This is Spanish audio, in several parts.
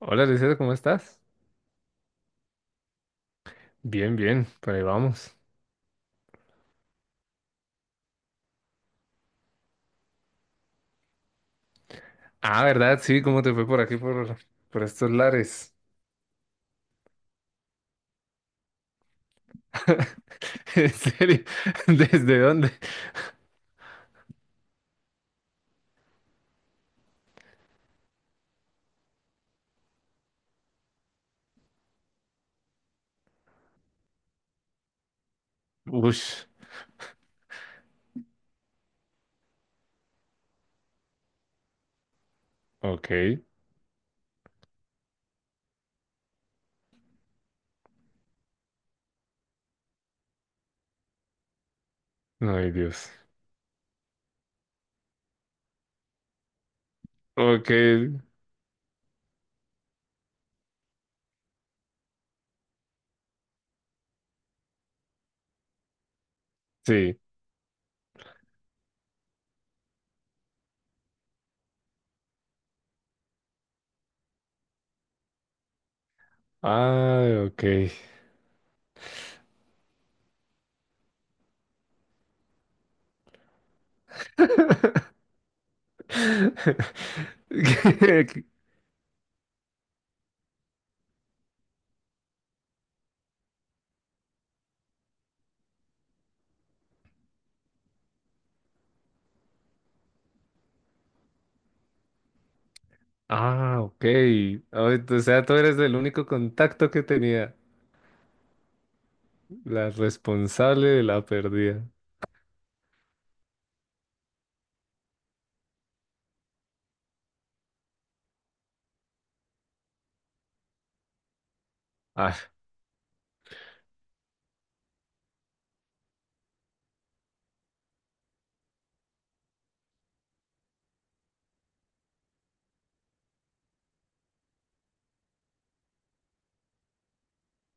Hola, Luisito, ¿cómo estás? Bien, bien, por ahí vamos. Ah, ¿verdad? Sí, ¿cómo te fue por aquí, por estos lares? ¿En serio? ¿Desde dónde? Ush, ok. Ay, Dios. Ok, sí. Ah, ok. ¿Qué? Ah, ok. Ay, o sea, tú eres el único contacto que tenía, la responsable de la pérdida. Ah,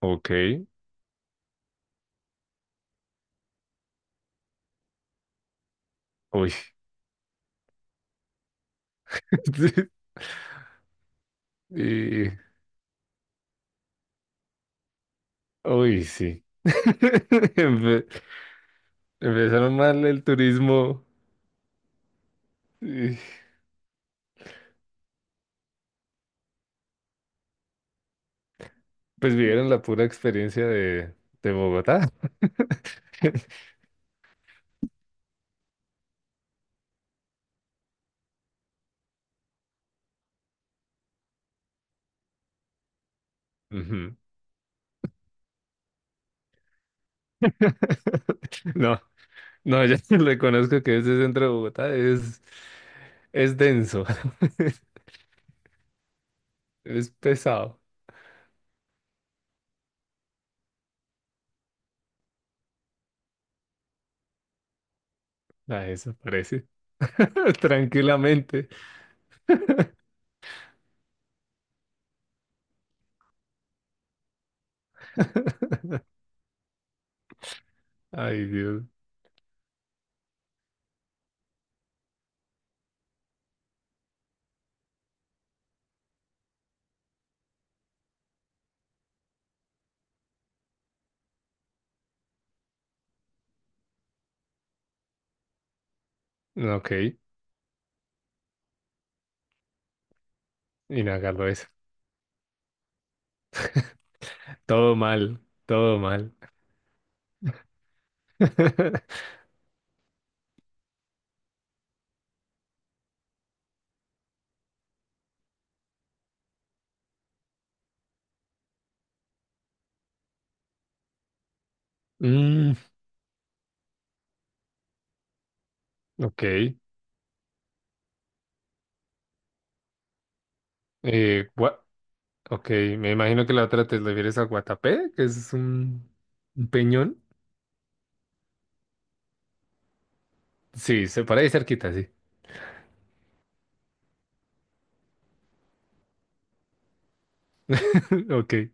ok. Uy. Y- Uy, sí. Empezaron mal el turismo. Y, pues vivieron la pura experiencia de Bogotá. Ujú. No, no, ya reconozco que ese centro de Bogotá es denso. Es pesado. A eso parece. Tranquilamente. Ay, Dios. No, ok, inhalarlo eso. Todo mal, todo mal. Mm, ok. Eh, gua- ok, me imagino que la otra te refieres a Guatapé, que es un peñón. Sí, se para ahí cerquita, sí. Ok.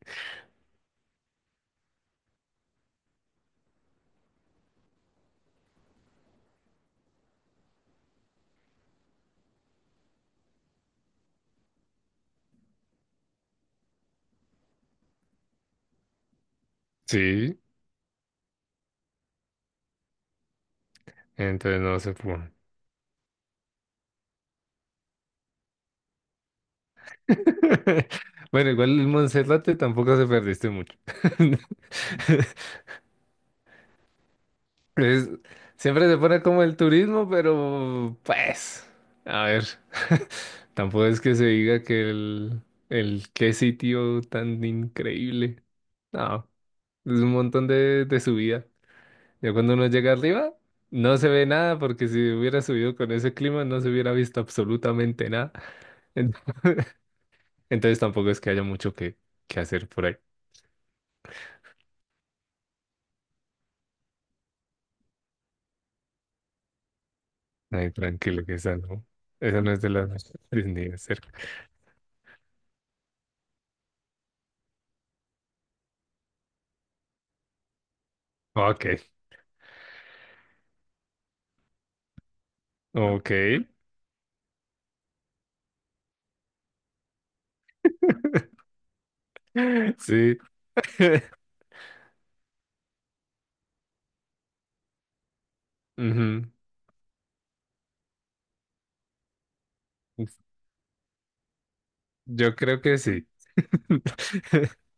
Sí, entonces no se pudo. Bueno, igual el Monserrate tampoco se perdiste mucho. Es- Siempre se pone como el turismo, pero pues, a ver, tampoco es que se diga que el qué sitio tan increíble. No, es un montón de subida. Ya cuando uno llega arriba, no se ve nada porque si hubiera subido con ese clima no se hubiera visto absolutamente nada. En- Entonces tampoco es que haya mucho que hacer por ahí. Ay, tranquilo, que esa no, es de las Disney de cerca. Ok, ok. Sí. Ujú. Yo creo que sí.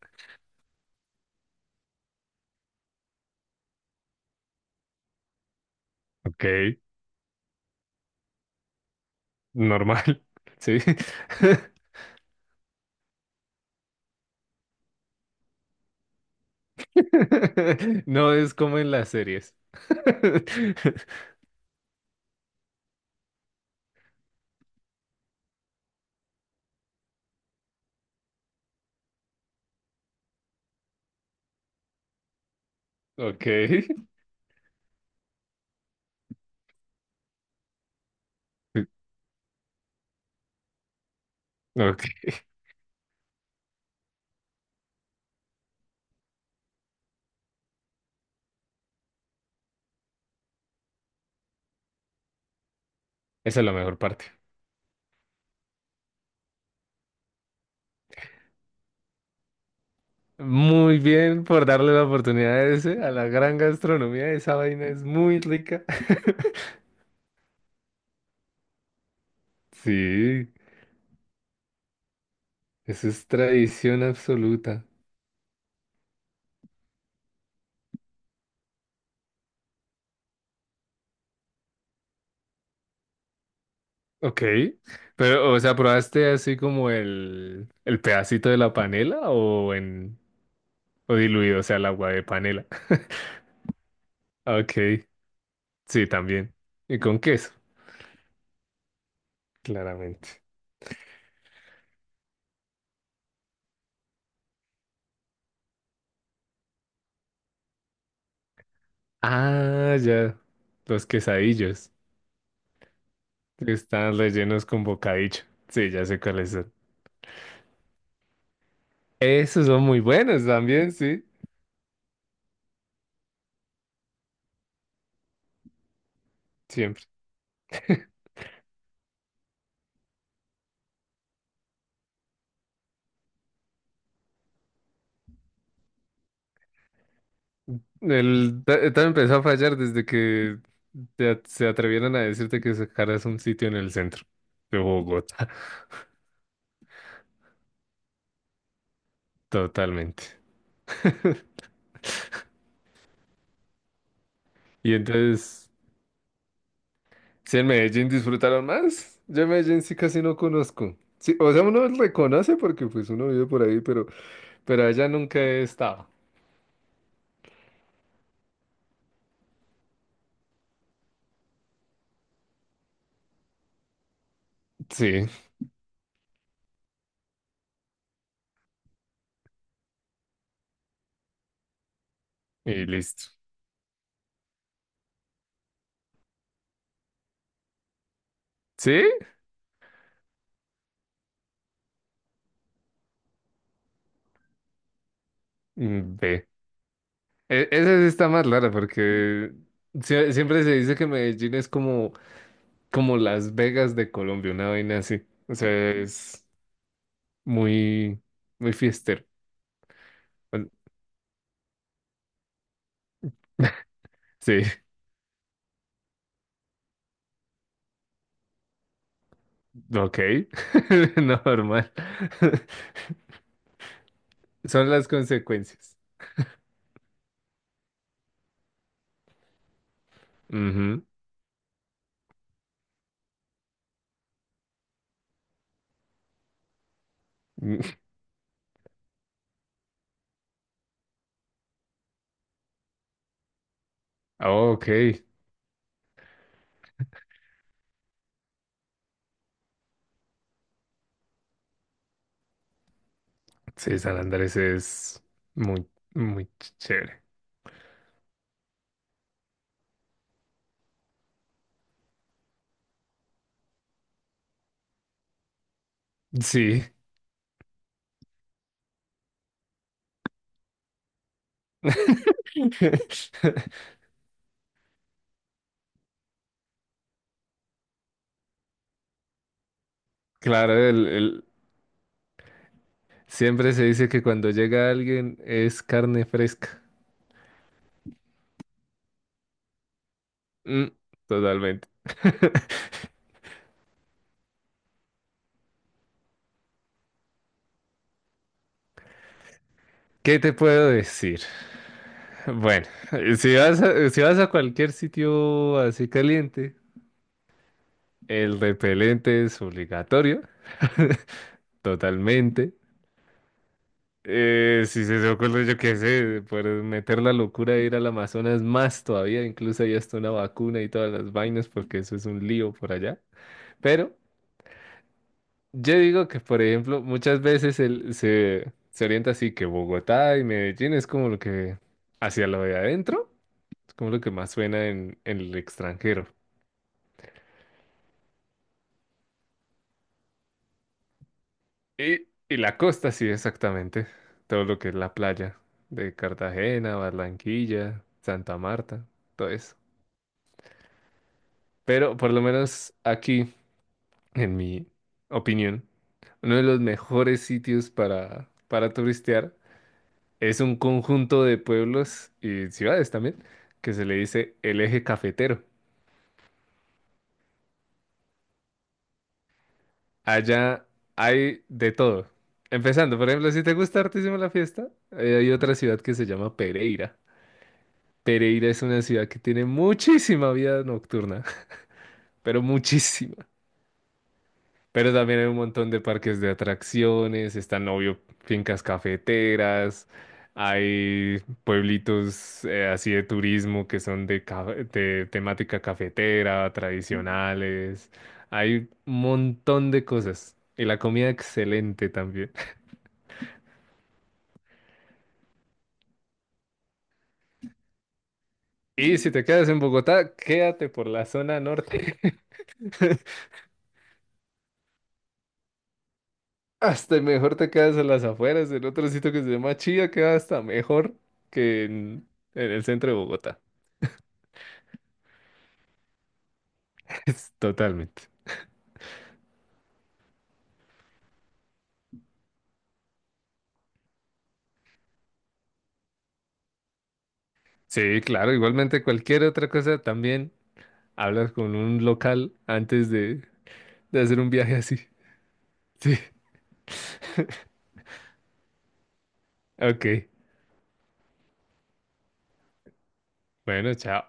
Ok, normal. Sí. No es como en las series. Ok. Ok. Esa es la mejor parte. Muy bien por darle la oportunidad a la gran gastronomía. Esa vaina es muy rica. Sí, eso es tradición absoluta. Ok, pero, o sea, ¿probaste así como el pedacito de la panela o diluido, o sea, el agua de panela? Ok, sí, también. Y con queso, claramente. Ah, ya. Los quesadillos que están rellenos con bocadillo. Sí, ya sé cuáles son. Esos son muy buenos también, sí, siempre. Empezó a fallar desde que se atrevieron a decirte que sacaras un sitio en el centro de Bogotá, totalmente. Y entonces, si en Medellín disfrutaron más, yo en Medellín sí casi no conozco. Sí, o sea, uno reconoce porque pues uno vive por ahí, pero, allá nunca he estado. Sí, y listo. ¿Sí? Mm, ve. Esa sí está más rara porque siempre se dice que Medellín es como Las Vegas de Colombia, una vaina así. O sea, es muy, muy fiestero. Bueno, sí, ok, normal. Son las consecuencias. Ujú. Mm, ah, ok, sí, San Andrés es muy, muy chévere. Sí. Claro, siempre se dice que cuando llega alguien es carne fresca. Mm, totalmente. ¿Qué te puedo decir? Bueno, si vas a cualquier sitio así caliente, el repelente es obligatorio, totalmente. Si se te ocurre, yo qué sé, por meter la locura de ir al Amazonas más todavía, incluso hay hasta una vacuna y todas las vainas, porque eso es un lío por allá. Pero yo digo que, por ejemplo, muchas veces se orienta así que Bogotá y Medellín es como lo que hacia lo de adentro, es como lo que más suena en el extranjero. Y la costa, sí, exactamente. Todo lo que es la playa de Cartagena, Barranquilla, Santa Marta, todo eso. Pero por lo menos aquí, en mi opinión, uno de los mejores sitios para turistear es un conjunto de pueblos y ciudades también, que se le dice el eje cafetero. Allá hay de todo. Empezando, por ejemplo, si te gusta hartísimo la fiesta, hay otra ciudad que se llama Pereira. Pereira es una ciudad que tiene muchísima vida nocturna, pero muchísima. Pero también hay un montón de parques de atracciones, están, obvio, fincas cafeteras, hay pueblitos así de turismo que son de temática cafetera, tradicionales. Hay un montón de cosas. Y la comida excelente también. Y si te quedas en Bogotá, quédate por la zona norte. Hasta mejor te quedas en las afueras, en otro sitio que se llama Chía, queda hasta mejor que en el centro de Bogotá. Es totalmente. Sí, claro, igualmente cualquier otra cosa también hablas con un local antes de hacer un viaje así. Sí, ok. Bueno, chao.